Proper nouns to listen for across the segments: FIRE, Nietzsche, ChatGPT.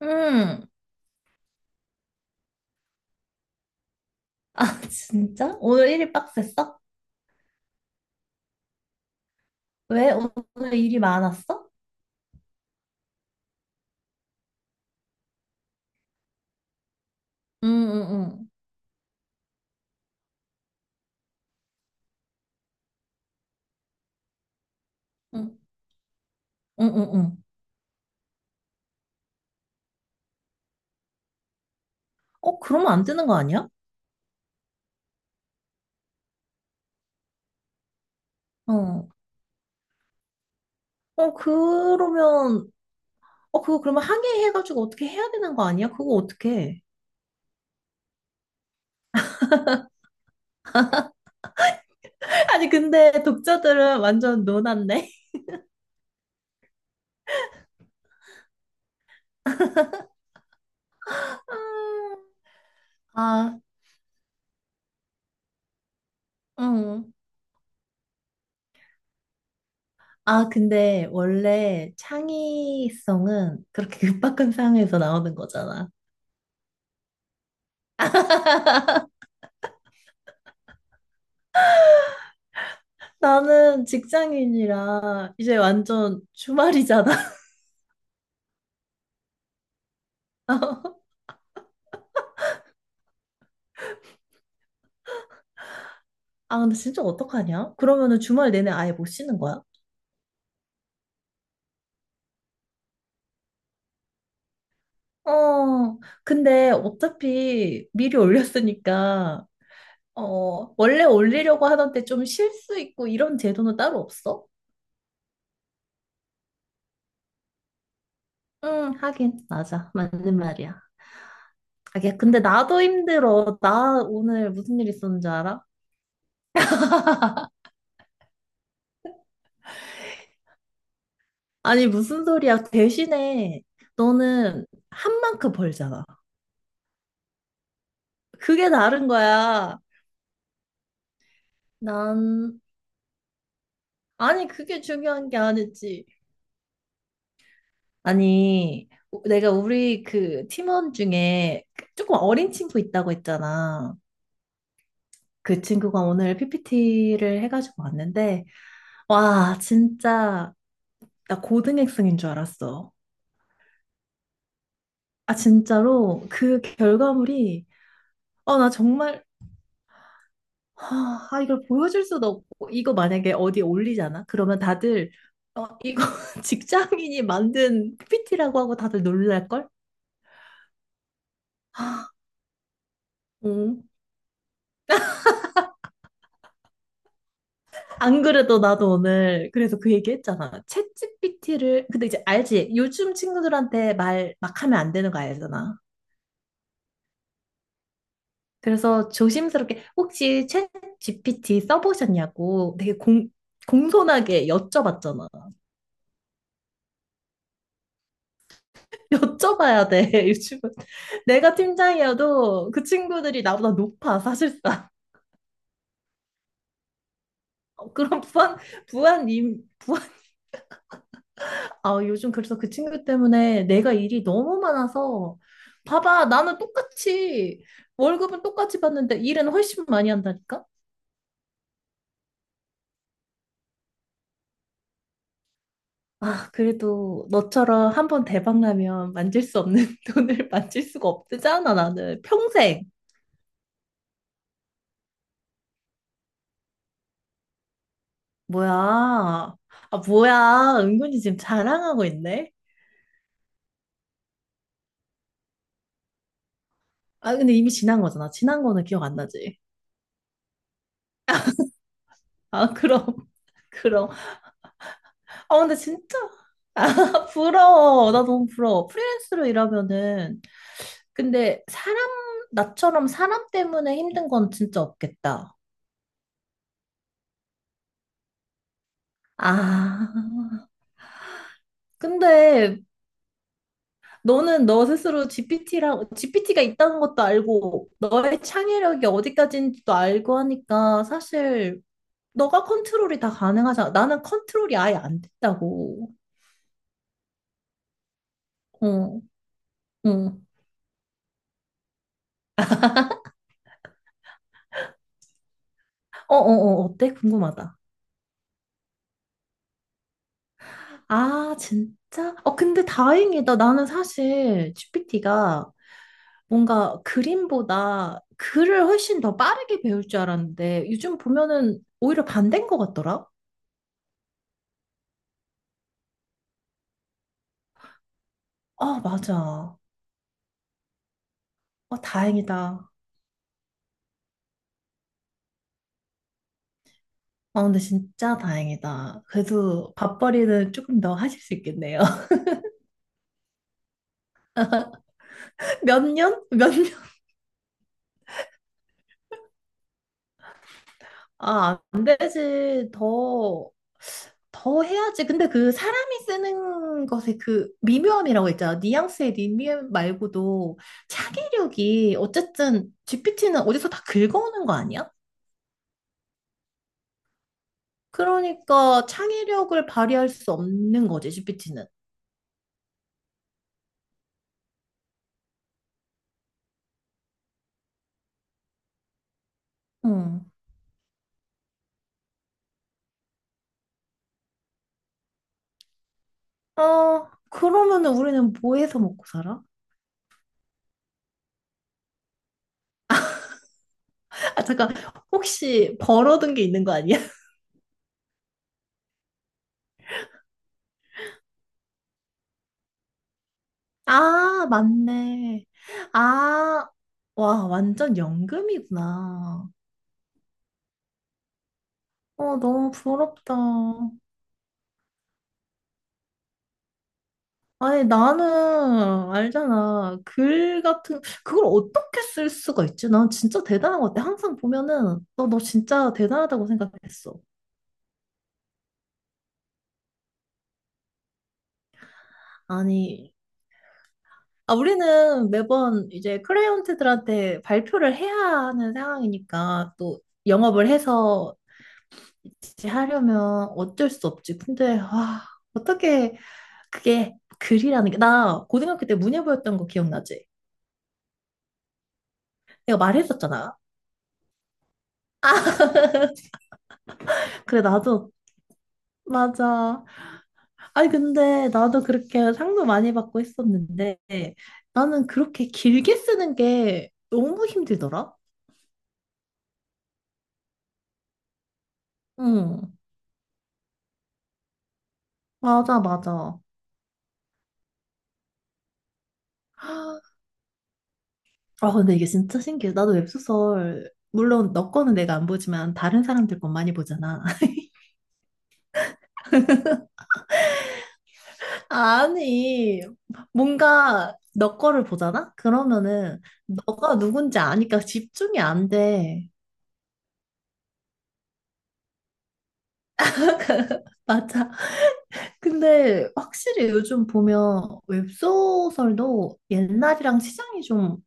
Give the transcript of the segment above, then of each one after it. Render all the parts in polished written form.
응. 아, 진짜? 오늘 일이 빡셌어? 왜? 오늘 일이 많았어? 응, 응, 응. 응, 응, 응. 응. 어, 그러면 안 되는 거 아니야? 어. 어, 그러면, 어, 그거 그러면 항해해가지고 어떻게 해야 되는 거 아니야? 그거 어떻게 해? 아니, 근데 독자들은 완전 노났네. 아, 응. 아, 근데 원래 창의성은 그렇게 급박한 상황에서 나오는 거잖아. 나는 직장인이라 이제 완전 주말이잖아. 아, 근데 진짜 어떡하냐? 그러면은 주말 내내 아예 못 쉬는 거야? 어, 근데 어차피 미리 올렸으니까, 어, 원래 올리려고 하던 데 좀 쉴 수 있고 이런 제도는 따로 없어? 응, 하긴, 맞아. 맞는 말이야. 아, 야, 근데 나도 힘들어. 나 오늘 무슨 일 있었는지 알아? 아니, 무슨 소리야. 대신에 너는 한 만큼 벌잖아. 그게 다른 거야. 난, 아니, 그게 중요한 게 아니지. 아니, 내가 우리 그 팀원 중에 그 조금 어린 친구 있다고 했잖아. 그 친구가 오늘 PPT를 해가지고 왔는데, 와, 진짜, 나 고등학생인 줄 알았어. 아, 진짜로, 그 결과물이, 아, 나 정말, 아, 이걸 보여줄 수도 없고, 이거 만약에 어디에 올리잖아? 그러면 다들, 어, 이거 직장인이 만든 PPT라고 하고 다들 놀랄걸? 아, 어. 안 그래도 나도 오늘 그래서 그 얘기 했잖아. 챗GPT를 근데 이제 알지? 요즘 친구들한테 말 막 하면 안 되는 거 알잖아. 그래서 조심스럽게 혹시 챗GPT 써보셨냐고 되게 공손하게 여쭤봤잖아. 여쭤봐야 돼, 요즘은. 내가 팀장이어도 그 친구들이 나보다 높아, 사실상. 그런 부한, 임, 아, 요즘 그래서 그 친구 때문에 내가 일이 너무 많아서 봐봐, 나는 똑같이 월급은 똑같이 받는데 일은 훨씬 많이 한다니까? 아, 그래도 너처럼 한 번 대박 나면 만질 수 없는 돈을 만질 수가 없잖아, 나는. 평생. 뭐야? 아, 뭐야? 은근히 지금 자랑하고 있네. 아, 근데 이미 지난 거잖아. 지난 거는 기억 안 나지? 아, 그럼. 그럼. 아, 근데 진짜 부러워. 나 너무 부러워. 프리랜서로 일하면은 근데 사람, 나처럼 사람 때문에 힘든 건 진짜 없겠다. 아, 근데 너는 너 스스로 GPT랑, GPT가 있다는 것도 알고, 너의 창의력이 어디까지인지도 알고 하니까 사실 너가 컨트롤이 다 가능하잖아. 나는 컨트롤이 아예 안 됐다고. 어, 어, 어, 어, 어, 어때? 궁금하다. 아, 진짜? 어, 근데 다행이다. 나는 사실 GPT가 뭔가 그림보다 글을 훨씬 더 빠르게 배울 줄 알았는데 요즘 보면은 오히려 반대인 것 같더라. 아, 맞아. 아, 다행이다. 아, 근데 진짜 다행이다. 그래도 밥벌이는 조금 더 하실 수 있겠네요. 몇 년? 몇 년? 아, 안 되지. 더 해야지. 근데 그 사람이 쓰는 것의 그 미묘함이라고 했잖아. 뉘앙스의 미묘함 말고도 창의력이 어쨌든 GPT는 어디서 다 긁어오는 거 아니야? 그러니까 창의력을 발휘할 수 없는 거지, GPT는. 어. 어, 그러면은 우리는 뭐 해서 먹고 살아? 아, 잠깐, 혹시 벌어둔 게 있는 거 아니야? 아, 맞네. 아, 와, 완전 연금이구나. 어, 너무 부럽다. 아니, 나는 알잖아. 글 같은, 그걸 어떻게 쓸 수가 있지? 난 진짜 대단한 것 같아. 항상 보면은, 너, 너 진짜 대단하다고 생각했어. 아니, 아, 우리는 매번 이제 클라이언트들한테 발표를 해야 하는 상황이니까 또 영업을 해서 이제 하려면 어쩔 수 없지. 근데 와, 어떻게 그게 글이라는 게 나 고등학교 때 문예부였던 거 기억나지? 내가 말했었잖아. 그래 나도 맞아. 아니 근데 나도 그렇게 상도 많이 받고 했었는데 나는 그렇게 길게 쓰는 게 너무 힘들더라. 응, 맞아 맞아. 아, 근데 이게 진짜 신기해. 나도 웹소설, 물론 너 거는 내가 안 보지만 다른 사람들 건 많이 보잖아. 아니, 뭔가 너 거를 보잖아? 그러면은 너가 누군지 아니까 집중이 안 돼. 맞아. 근데 확실히 요즘 보면 웹소설도 옛날이랑 시장이 좀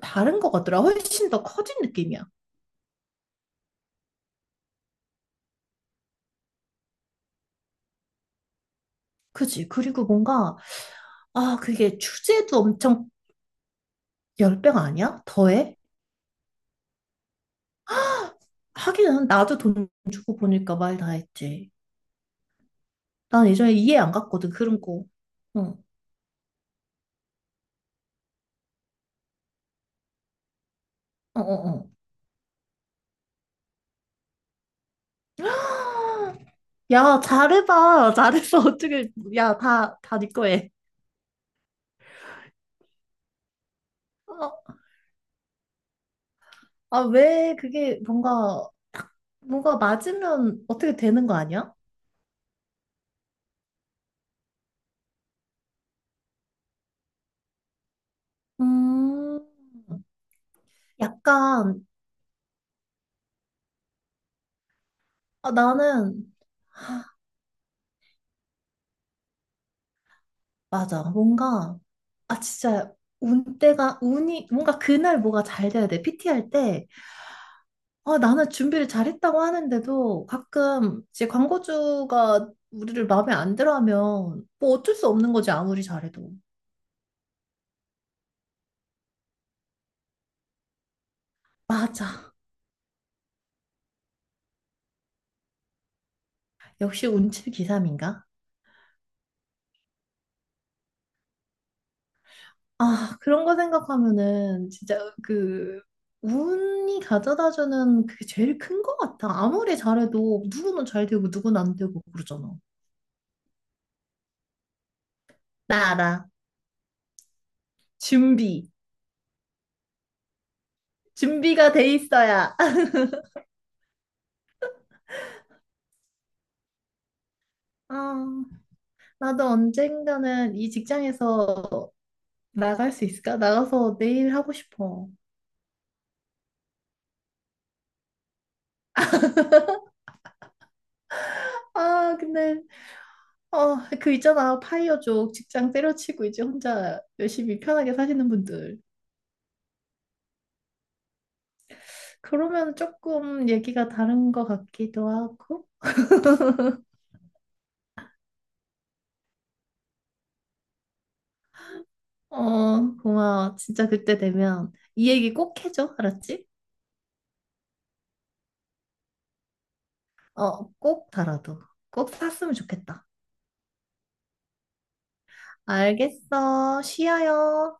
다른 것 같더라. 훨씬 더 커진 느낌이야. 그치? 그리고 뭔가, 아, 그게 주제도 엄청 열배가 아니야? 더해? 하기는 나도 돈 주고 보니까 말 다 했지. 난 예전에 이해 안 갔거든, 그런 거. 어, 어, 어, 어. 야, 잘해봐. 잘했어. 어떻게, 야, 다 네 거에. 어, 아, 왜 그게 뭔가, 딱 뭔가 맞으면 어떻게 되는 거 아니야? 음, 약간, 아, 나는, 맞아. 뭔가, 아, 진짜, 운 때가, 운이, 뭔가 그날 뭐가 잘 돼야 돼. PT 할 때, 아, 나는 준비를 잘했다고 하는데도 가끔 이제 광고주가 우리를 마음에 안 들어 하면 뭐 어쩔 수 없는 거지, 아무리 잘해도. 맞아. 역시 운칠 기삼인가? 아, 그런 거 생각하면은 진짜 그 운이 가져다주는 그게 제일 큰 거 같아. 아무리 잘해도 누구는 잘 되고 누구는 안 되고 그러잖아. 나 알아. 준비. 준비가 돼 있어야. 아, 나도 언젠가는 이 직장에서 나갈 수 있을까? 나가서 내일 하고 싶어. 아, 근데, 어, 그 있잖아. 파이어족 직장 때려치고 이제 혼자 열심히 편하게 사시는 분들. 그러면 조금 얘기가 다른 것 같기도 하고. 어, 고마워. 진짜 그때 되면 이 얘기 꼭 해줘. 알았지? 어, 꼭 달아도. 꼭 샀으면 좋겠다. 알겠어. 쉬어요.